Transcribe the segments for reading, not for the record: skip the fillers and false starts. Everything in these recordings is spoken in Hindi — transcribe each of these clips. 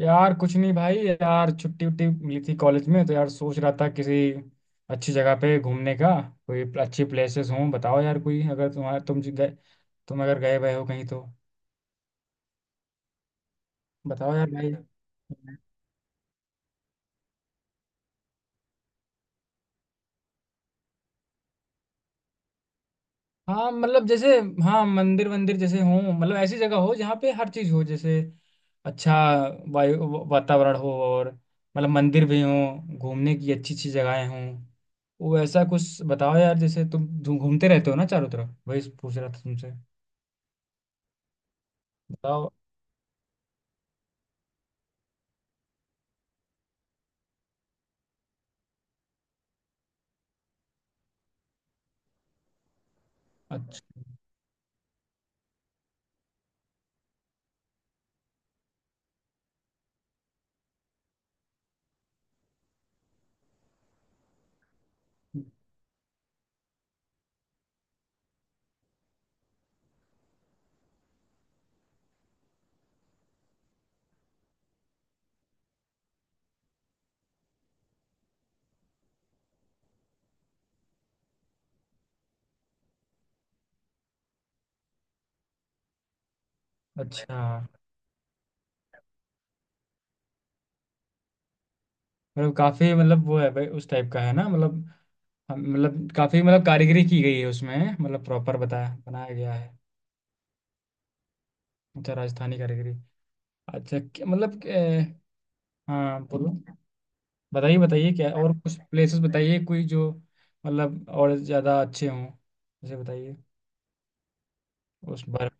यार कुछ नहीं भाई। यार छुट्टी उट्टी मिली थी कॉलेज में, तो यार सोच रहा था किसी अच्छी जगह पे घूमने का। कोई अच्छी प्लेसेस हो बताओ यार, कोई अगर तुम जी गए, तुम अगर गए हुए हो कहीं तो बताओ यार भाई। हाँ मतलब जैसे, हाँ मंदिर वंदिर जैसे हो, मतलब ऐसी जगह हो जहाँ पे हर चीज़ हो, जैसे अच्छा वायु वातावरण हो, और मतलब मंदिर भी हो, घूमने की अच्छी अच्छी जगहें हों। वो ऐसा कुछ बताओ यार, जैसे तुम घूमते रहते हो ना चारों तरफ, वही पूछ रहा था तुमसे। बताओ। अच्छा, अच्छा। मतलब काफी, मतलब वो है भाई, उस टाइप का है ना मतलब। मतलब काफी, मतलब कारीगरी की गई है उसमें, मतलब प्रॉपर बताया बनाया गया है। अच्छा राजस्थानी कारीगरी। अच्छा, मतलब हाँ बोलो। बताइए, बताइए, क्या और कुछ प्लेसेस बताइए, कोई जो मतलब और ज्यादा अच्छे हों, जैसे बताइए। उस बार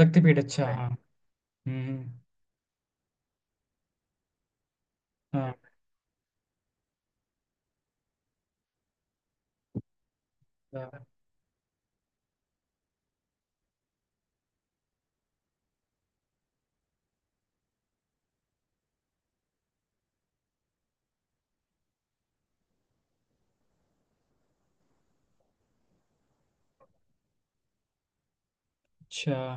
शक्तिपीठ, अच्छा हाँ। हम्म, हाँ। अच्छा। अच्छा,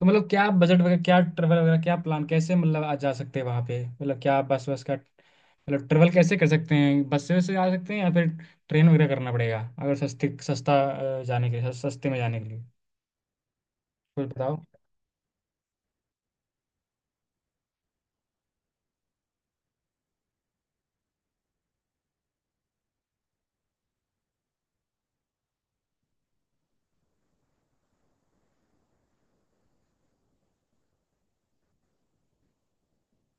तो मतलब क्या बजट वगैरह, क्या ट्रेवल वगैरह, क्या प्लान, कैसे मतलब आ जा सकते हैं वहाँ पे? मतलब क्या बस, बस का मतलब ट्रेवल कैसे कर सकते हैं? बस से आ सकते हैं या फिर ट्रेन वगैरह करना पड़ेगा? अगर सस्ते सस्ता जाने के लिए, सस्ते में जाने के लिए कुछ बताओ।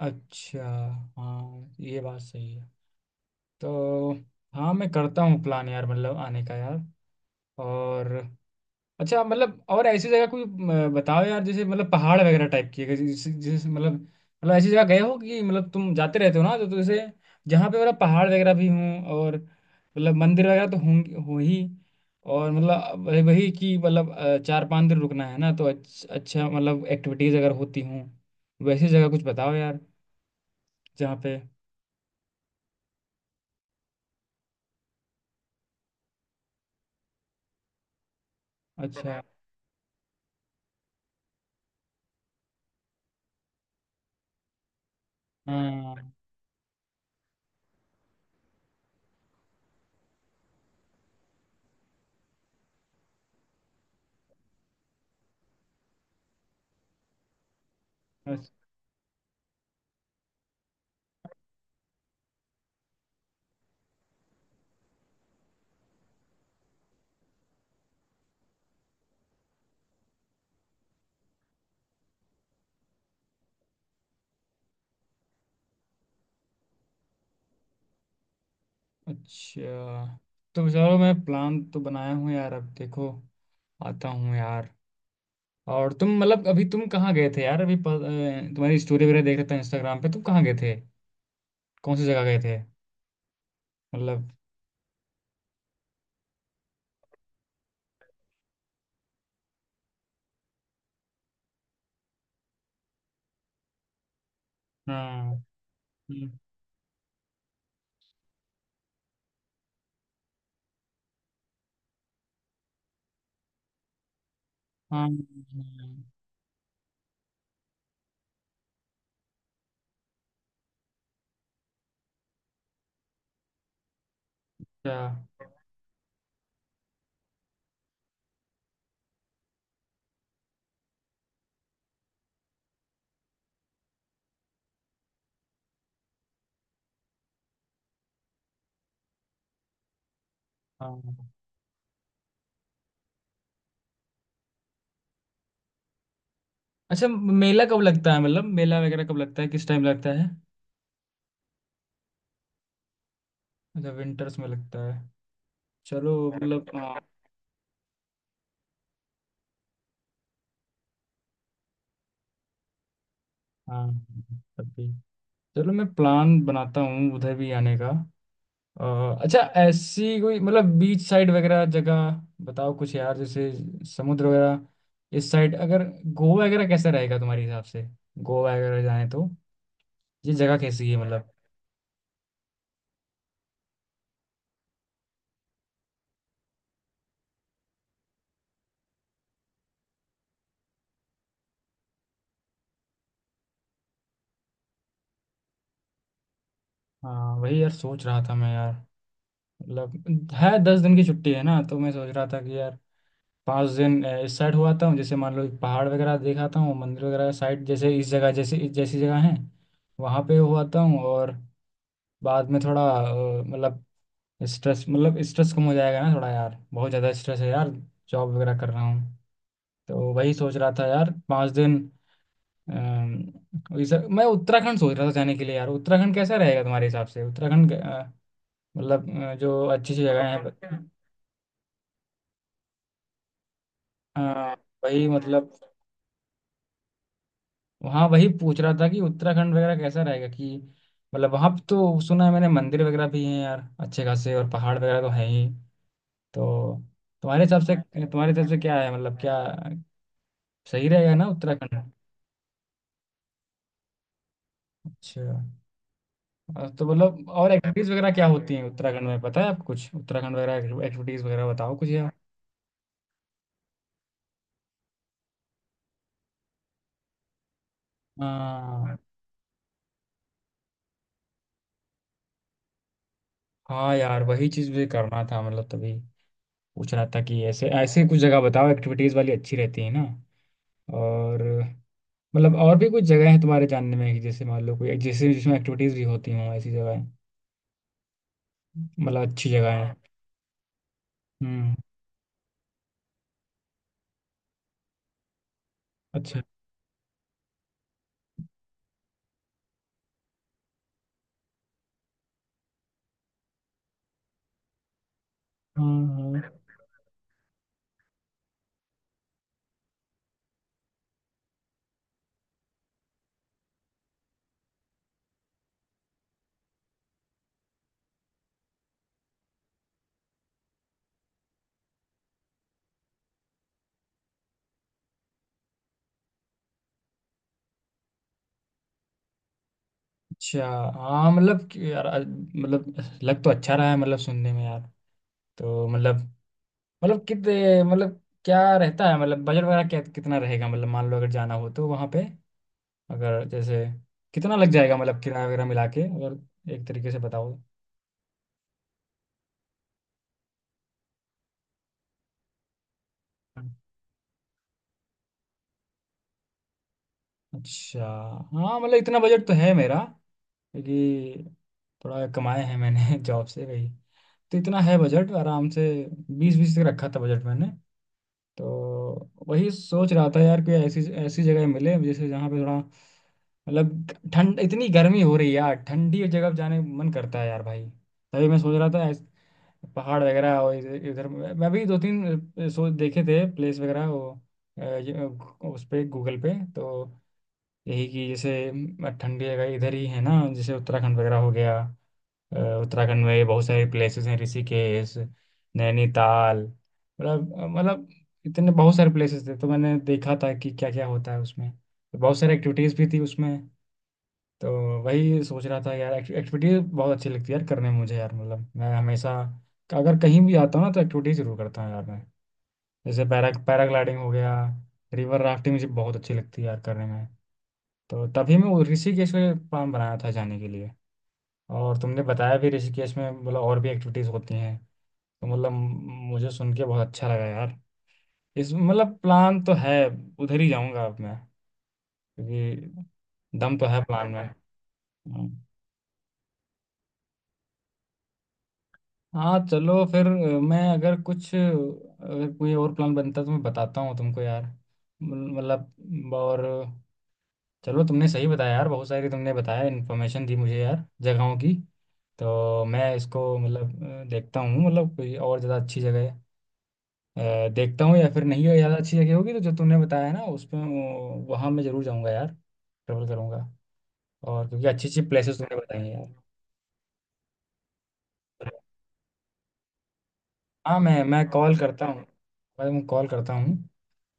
अच्छा, हाँ ये बात सही है। तो हाँ, मैं करता हूँ प्लान यार, मतलब आने का यार। और अच्छा, मतलब और ऐसी जगह कोई, बताओ यार, जैसे मतलब पहाड़ वगैरह टाइप की है, जैसे जैसे मतलब ऐसी जगह गए हो कि मतलब तुम जाते रहते हो ना, तो जैसे जहाँ पे मतलब पहाड़ वगैरह भी हों, और मतलब मंदिर वगैरह तो होंगे हो ही। और मतलब वही वही कि मतलब 4-5 दिन रुकना है ना, तो अच्छा, अच्छा, मतलब एक्टिविटीज अगर होती हों, वैसी जगह कुछ बताओ यार, जहाँ पे अच्छा हाँ। अच- अच्छा तो चलो, मैं प्लान तो बनाया हूँ यार, अब देखो। आता हूँ यार। और तुम मतलब, अभी तुम कहाँ गए थे यार? अभी तुम्हारी स्टोरी वगैरह देख रहा था इंस्टाग्राम पे, तुम कहाँ गए थे? कौन सी जगह गए थे मतलब? हाँ। हम्म, हाँ। अच्छा हाँ। अच्छा, मेला कब लगता है, मतलब मेला वगैरह कब लगता है? किस टाइम लगता है? अच्छा, विंटर्स में लगता है। चलो मतलब, हाँ, हाँ, तब भी चलो, मैं प्लान बनाता हूँ उधर भी आने का। अ, अच्छा, ऐसी कोई मतलब बीच साइड वगैरह जगह बताओ कुछ यार, जैसे समुद्र वगैरह। इस साइड अगर गोवा वगैरह कैसा रहेगा तुम्हारे हिसाब से? गोवा वगैरह जाए तो ये जगह कैसी है मतलब? हाँ वही यार, सोच रहा था मैं यार। मतलब है, 10 दिन की छुट्टी है ना, तो मैं सोच रहा था कि यार 5 दिन इस साइड हो आता हूँ, जैसे मान लो एक पहाड़ वगैरह देखाता हूँ, मंदिर वगैरह साइड, जैसे इस जगह जैसे इस जैसी जगह है वहाँ पे हो आता हूँ, और बाद में थोड़ा मतलब स्ट्रेस, मतलब स्ट्रेस कम हो जाएगा ना थोड़ा यार, बहुत ज़्यादा स्ट्रेस है यार। जॉब वगैरह कर रहा हूँ, तो वही सोच रहा था यार 5 दिन। अम, वही सर, मैं उत्तराखंड सोच रहा था जाने के लिए यार। उत्तराखंड कैसा रहेगा तुम्हारे हिसाब से? उत्तराखंड मतलब जो अच्छी अच्छी जगह है। हाँ वही मतलब, वहाँ वही पूछ रहा था कि उत्तराखंड वगैरह कैसा रहेगा, कि मतलब वहाँ पे तो सुना है मैंने मंदिर वगैरह भी हैं यार अच्छे खासे, और पहाड़ वगैरह तो हैं ही। तो तुम्हारे हिसाब से तुम्हारे हिसाब से क्या है, मतलब क्या सही रहेगा ना उत्तराखंड? अच्छा। तो मतलब और एक्टिविटीज वगैरह क्या होती हैं उत्तराखंड में, पता है आपको कुछ? उत्तराखंड वगैरह एक्टिविटीज वगैरह बताओ कुछ यार। हाँ, हाँ यार, वही चीज मुझे करना था, मतलब तभी पूछ रहा था कि ऐसे ऐसे कुछ जगह बताओ एक्टिविटीज वाली, अच्छी रहती है ना। और मतलब और भी कुछ जगह हैं तुम्हारे जानने में, कि जैसे मान लो कोई, जैसे जिसमें एक्टिविटीज भी होती हों, ऐसी जगह मतलब अच्छी जगह है। हम्म, अच्छा। हाँ, हाँ, अच्छा। हाँ मतलब कि यार मतलब, लग तो अच्छा रहा है, मतलब सुनने में यार। तो मतलब कितने, मतलब क्या रहता है, मतलब बजट वगैरह क्या कितना रहेगा, मतलब मान लो अगर जाना हो तो वहाँ पे, अगर जैसे कितना लग जाएगा, मतलब किराया वगैरह मिला के, अगर एक तरीके से बताओ। अच्छा, हाँ मतलब इतना बजट तो है मेरा, क्योंकि थोड़ा कमाया है मैंने जॉब से भाई। तो इतना है बजट आराम से। बीस बीस तक रखा था बजट मैंने। तो वही सोच रहा था यार कोई ऐसी ऐसी जगह मिले, जैसे जहाँ पे थोड़ा मतलब ठंड, इतनी गर्मी हो रही है यार, ठंडी जगह पे जाने का मन करता है यार भाई। तभी मैं सोच रहा था पहाड़ वगैरह और इधर इधर-। मैं भी दो तीन सोच देखे थे प्लेस वगैरह, वो अ, ये, अ, उस पे गूगल पे, तो यही कि जैसे ठंडी जगह इधर ही है ना, जैसे उत्तराखंड वगैरह हो गया। उत्तराखंड में बहुत सारे प्लेसेस हैं, ऋषिकेश, नैनीताल, मतलब इतने बहुत सारे प्लेसेस थे, तो मैंने देखा था कि क्या क्या होता है उसमें, तो बहुत सारी एक्टिविटीज़ भी थी उसमें। तो वही सोच रहा था यार, एक्टिविटीज़ बहुत अच्छी लगती है यार करने में मुझे यार, मतलब मैं हमेशा अगर कहीं भी जाता हूँ ना, तो एक्टिविटीज़ जरूर करता हूँ यार मैं। जैसे पैराग्लाइडिंग हो गया, रिवर राफ्टिंग मुझे बहुत अच्छी लगती है यार करने में। तो तभी मैं वो ऋषिकेश का प्लान बनाया था जाने के लिए, और तुमने बताया भी ऋषिकेश में, बोला और भी एक्टिविटीज होती हैं, तो मतलब मुझे सुन के बहुत अच्छा लगा यार। इस मतलब प्लान तो है, उधर ही जाऊंगा अब मैं, क्योंकि दम तो है प्लान में। हम्म। हाँ चलो फिर, मैं अगर कोई और प्लान बनता है तो मैं बताता हूँ तुमको यार। मतलब और, चलो, तुमने सही बताया यार, बहुत सारी तुमने बताया इन्फॉर्मेशन दी मुझे यार जगहों की। तो मैं इसको मतलब देखता हूँ, मतलब कोई और ज़्यादा अच्छी जगह देखता हूँ, या फिर नहीं हो ज़्यादा अच्छी जगह होगी तो जो तूने बताया है ना उसमें, वहाँ मैं ज़रूर जाऊँगा यार, ट्रेवल करूँगा, और क्योंकि अच्छी अच्छी प्लेसेस तूने बताई हैं यार। हाँ, मैं कॉल करता हूँ। मैं कॉल करता हूँ,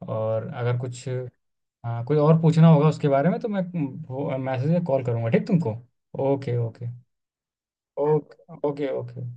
और अगर कुछ, हाँ, कोई और पूछना होगा उसके बारे में तो मैं मैसेज या कॉल करूँगा, ठीक तुमको? Okay, okay. Okay, okay, okay.